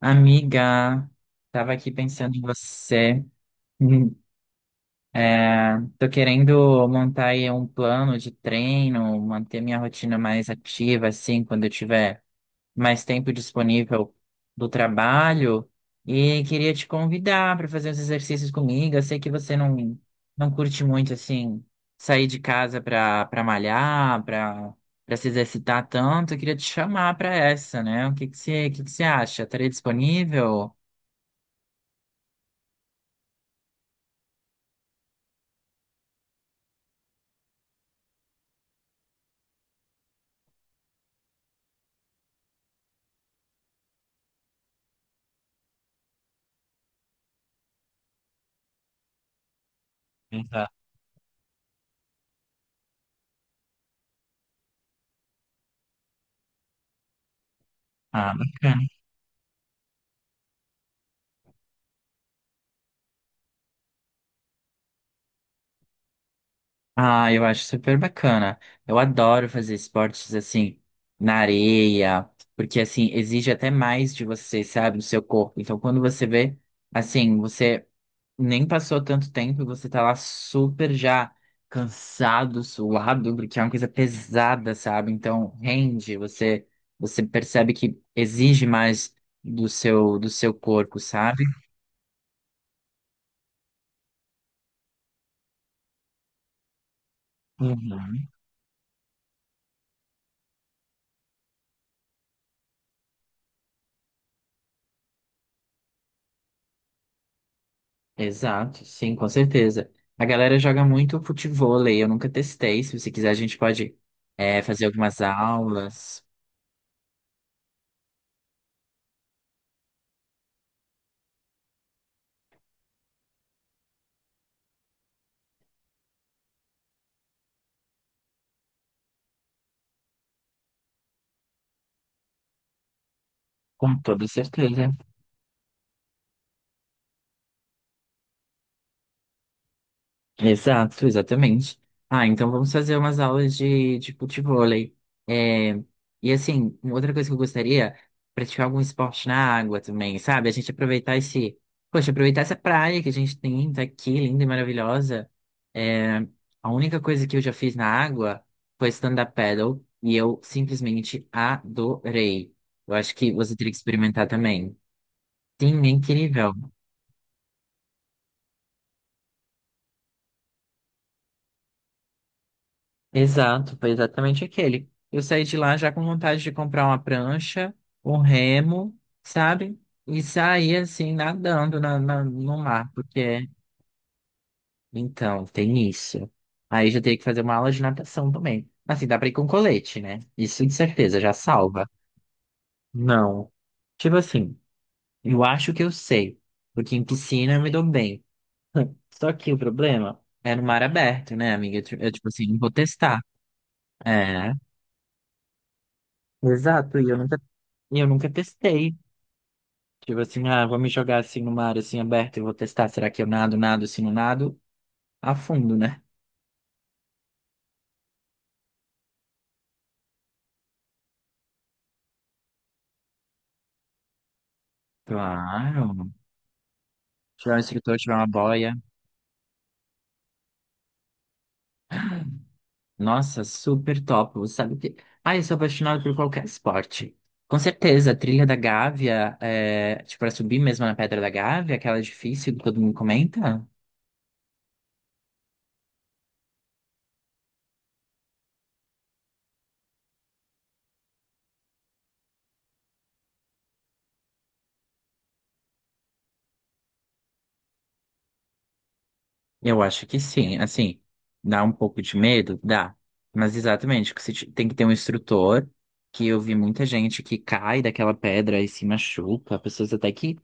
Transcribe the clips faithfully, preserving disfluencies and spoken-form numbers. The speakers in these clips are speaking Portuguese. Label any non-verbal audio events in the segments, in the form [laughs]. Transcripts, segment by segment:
Amiga, tava aqui pensando em você. Hum. É, tô querendo montar aí um plano de treino, manter minha rotina mais ativa, assim, quando eu tiver mais tempo disponível do trabalho. E queria te convidar para fazer uns exercícios comigo. Eu sei que você não, não curte muito, assim, sair de casa para para malhar, para para se exercitar tanto. Eu queria te chamar para essa, né? O que que você, o que que você acha? Estaria disponível? Ah, bacana. Ah, eu acho super bacana. Eu adoro fazer esportes assim na areia, porque assim exige até mais de você, sabe, do seu corpo. Então, quando você vê, assim, você nem passou tanto tempo e você tá lá super já cansado, suado, porque é uma coisa pesada, sabe? Então, rende, você você percebe que exige mais do seu do seu corpo, sabe? Uhum. Exato, sim, com certeza. A galera joga muito futevôlei, eu nunca testei. Se você quiser, a gente pode, é, fazer algumas aulas. Com toda certeza. Exato, exatamente. Ah, então vamos fazer umas aulas de, de futevôlei. É, e assim, uma outra coisa que eu gostaria, praticar algum esporte na água também, sabe? A gente aproveitar esse, poxa, aproveitar essa praia que a gente tem, tá aqui, linda e maravilhosa. É, a única coisa que eu já fiz na água foi stand-up paddle e eu simplesmente adorei. Eu acho que você teria que experimentar também. Sim, é incrível. Exato, foi exatamente aquele. Eu saí de lá já com vontade de comprar uma prancha, um remo, sabe? E sair assim, nadando na, na- no mar, porque então tem isso. Aí já teria que fazer uma aula de natação também. Assim, dá pra ir com colete, né? Isso de certeza, já salva. Não. Tipo assim, eu acho que eu sei, porque em piscina eu me dou bem. Só que o problema é no mar aberto, né, amiga? Eu, tipo eu, tipo assim, não vou testar. É. Exato, e eu nunca e eu nunca testei. Tipo assim, ah, vou me jogar assim no mar assim aberto e vou testar. Será que eu nado, nado, assim, não nado? A fundo, né? Claro. Tirar um instrutor, tirar uma boia. Nossa, super top. Sabe o que? Ah, eu sou apaixonado por qualquer esporte. Com certeza, a trilha da Gávea, é, tipo, pra subir mesmo na Pedra da Gávea, aquela difícil que todo mundo comenta. Eu acho que sim. Assim, dá um pouco de medo? Dá. Mas exatamente, que você te- tem que ter um instrutor, que eu vi muita gente que cai daquela pedra e se machuca, pessoas até que,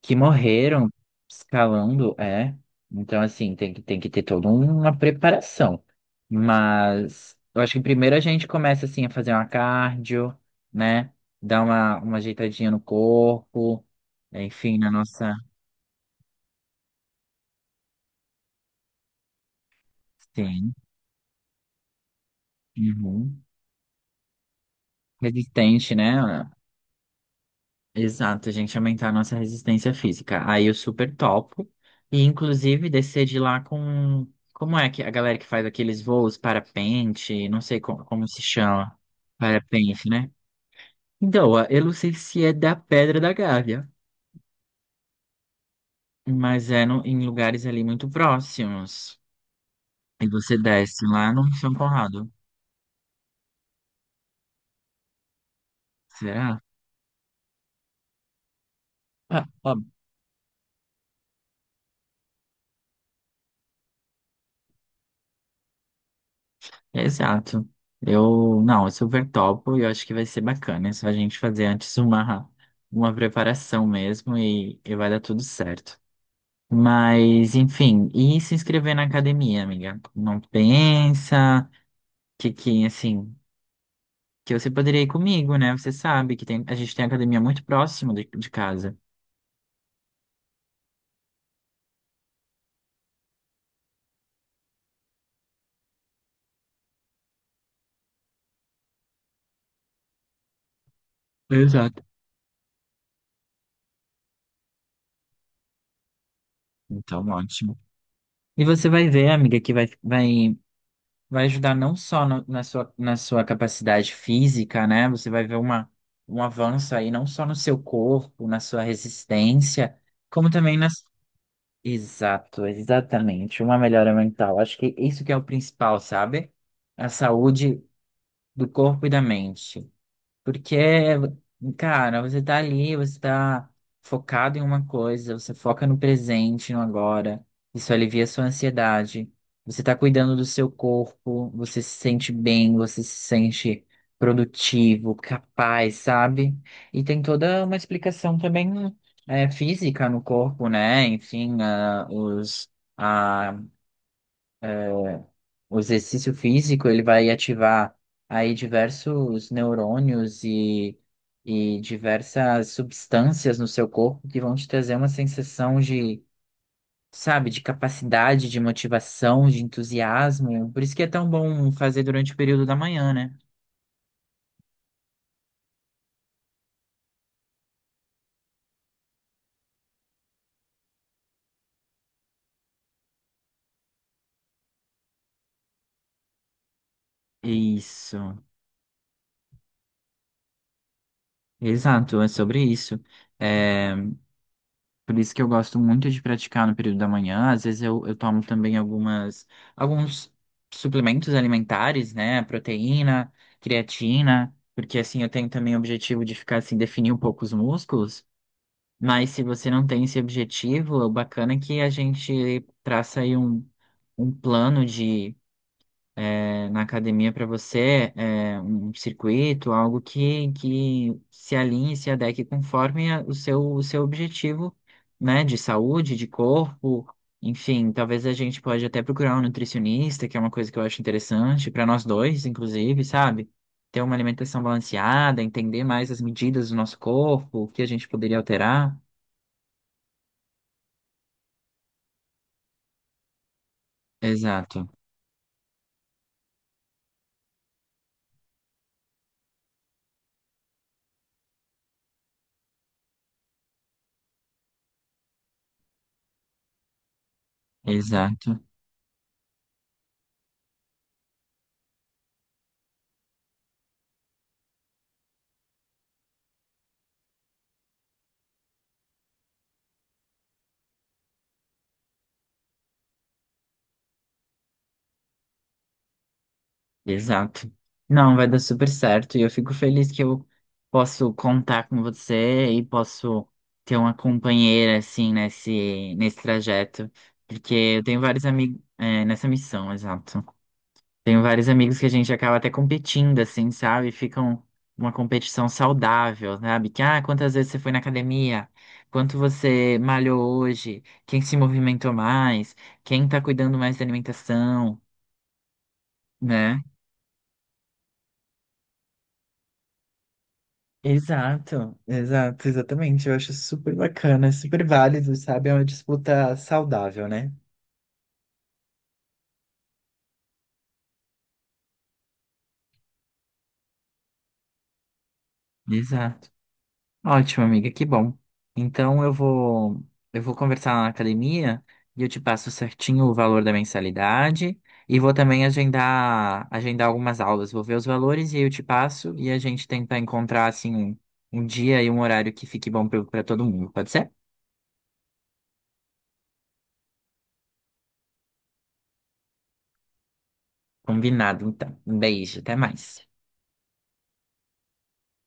que morreram escalando, é. Então, assim, tem que, tem que ter toda uma preparação. Mas eu acho que primeiro a gente começa, assim, a fazer uma cardio, né? Dar uma, uma ajeitadinha no corpo, enfim, na nossa... Sim. Uhum. Resistente, né? Exato, a gente aumentar a nossa resistência física. Aí eu super topo. E inclusive descer de lá com. Como é que a galera que faz aqueles voos parapente, não sei como, como se chama. Parapente, né? Então, a- eu não sei se é da Pedra da Gávea, mas é no- em lugares ali muito próximos. E você desce lá no São Conrado. Será? [laughs] Exato. Eu, não, eu super topo e eu acho que vai ser bacana. É só a gente fazer antes uma, uma preparação mesmo e, e vai dar tudo certo. Mas, enfim, e se inscrever na academia, amiga? Não pensa que, que assim, que você poderia ir comigo, né? Você sabe que tem, a gente tem academia muito próximo de, de casa. Exato. Então, ótimo. E você vai ver, amiga, que vai, vai. Vai ajudar não só no- na sua, na sua capacidade física, né? Você vai ver uma, um avanço aí, não só no seu corpo, na sua resistência, como também nas. Exato, exatamente. Uma melhora mental. Acho que isso que é o principal, sabe? A saúde do corpo e da mente. Porque, cara, você tá ali, você tá focado em uma coisa, você foca no presente, no agora. Isso alivia a sua ansiedade. Você tá cuidando do seu corpo, você se sente bem, você se sente produtivo, capaz, sabe? E tem toda uma explicação também é, física no corpo, né? Enfim, ah, os, o exercício físico, ele vai ativar aí diversos neurônios e, e diversas substâncias no seu corpo que vão te trazer uma sensação de, sabe, de capacidade, de motivação, de entusiasmo. Por isso que é tão bom fazer durante o período da manhã, né? Isso, exato, é sobre isso. Por isso que eu gosto muito de praticar no período da manhã. Às vezes eu, eu tomo também algumas, alguns suplementos alimentares, né? Proteína, creatina, porque assim eu tenho também o objetivo de ficar assim, definir um pouco os músculos. Mas se você não tem esse objetivo, o bacana é que a gente traça aí um, um plano de na academia para você é, é um circuito, algo que, que se alinhe, se adeque conforme a- o seu, o seu objetivo, né, de saúde, de corpo, enfim, talvez a gente pode até procurar um nutricionista, que é uma coisa que eu acho interessante para nós dois, inclusive, sabe? Ter uma alimentação balanceada, entender mais as medidas do nosso corpo, o que a gente poderia alterar. Exato, exato. Exato. Não, vai dar super certo. E eu fico feliz que eu posso contar com você e posso ter uma companheira, assim, nesse, nesse trajeto. Porque eu tenho vários amigos, nessa missão, exato. Tenho vários amigos que a gente acaba até competindo, assim, sabe? Ficam uma competição saudável, sabe? Que, ah, quantas vezes você foi na academia? Quanto você malhou hoje? Quem se movimentou mais? Quem tá cuidando mais da alimentação? né? Exato, exato, exatamente. Eu acho super bacana, super válido, sabe? É uma disputa saudável, né? Exato. Ótimo, amiga, que bom. Então eu vou eu vou conversar lá na academia e eu te passo certinho o valor da mensalidade e vou também agendar agendar algumas aulas. Vou ver os valores e aí eu te passo e a gente tenta encontrar assim um, um dia e um horário que fique bom para todo mundo. Pode ser? Combinado, então. Um beijo, até mais.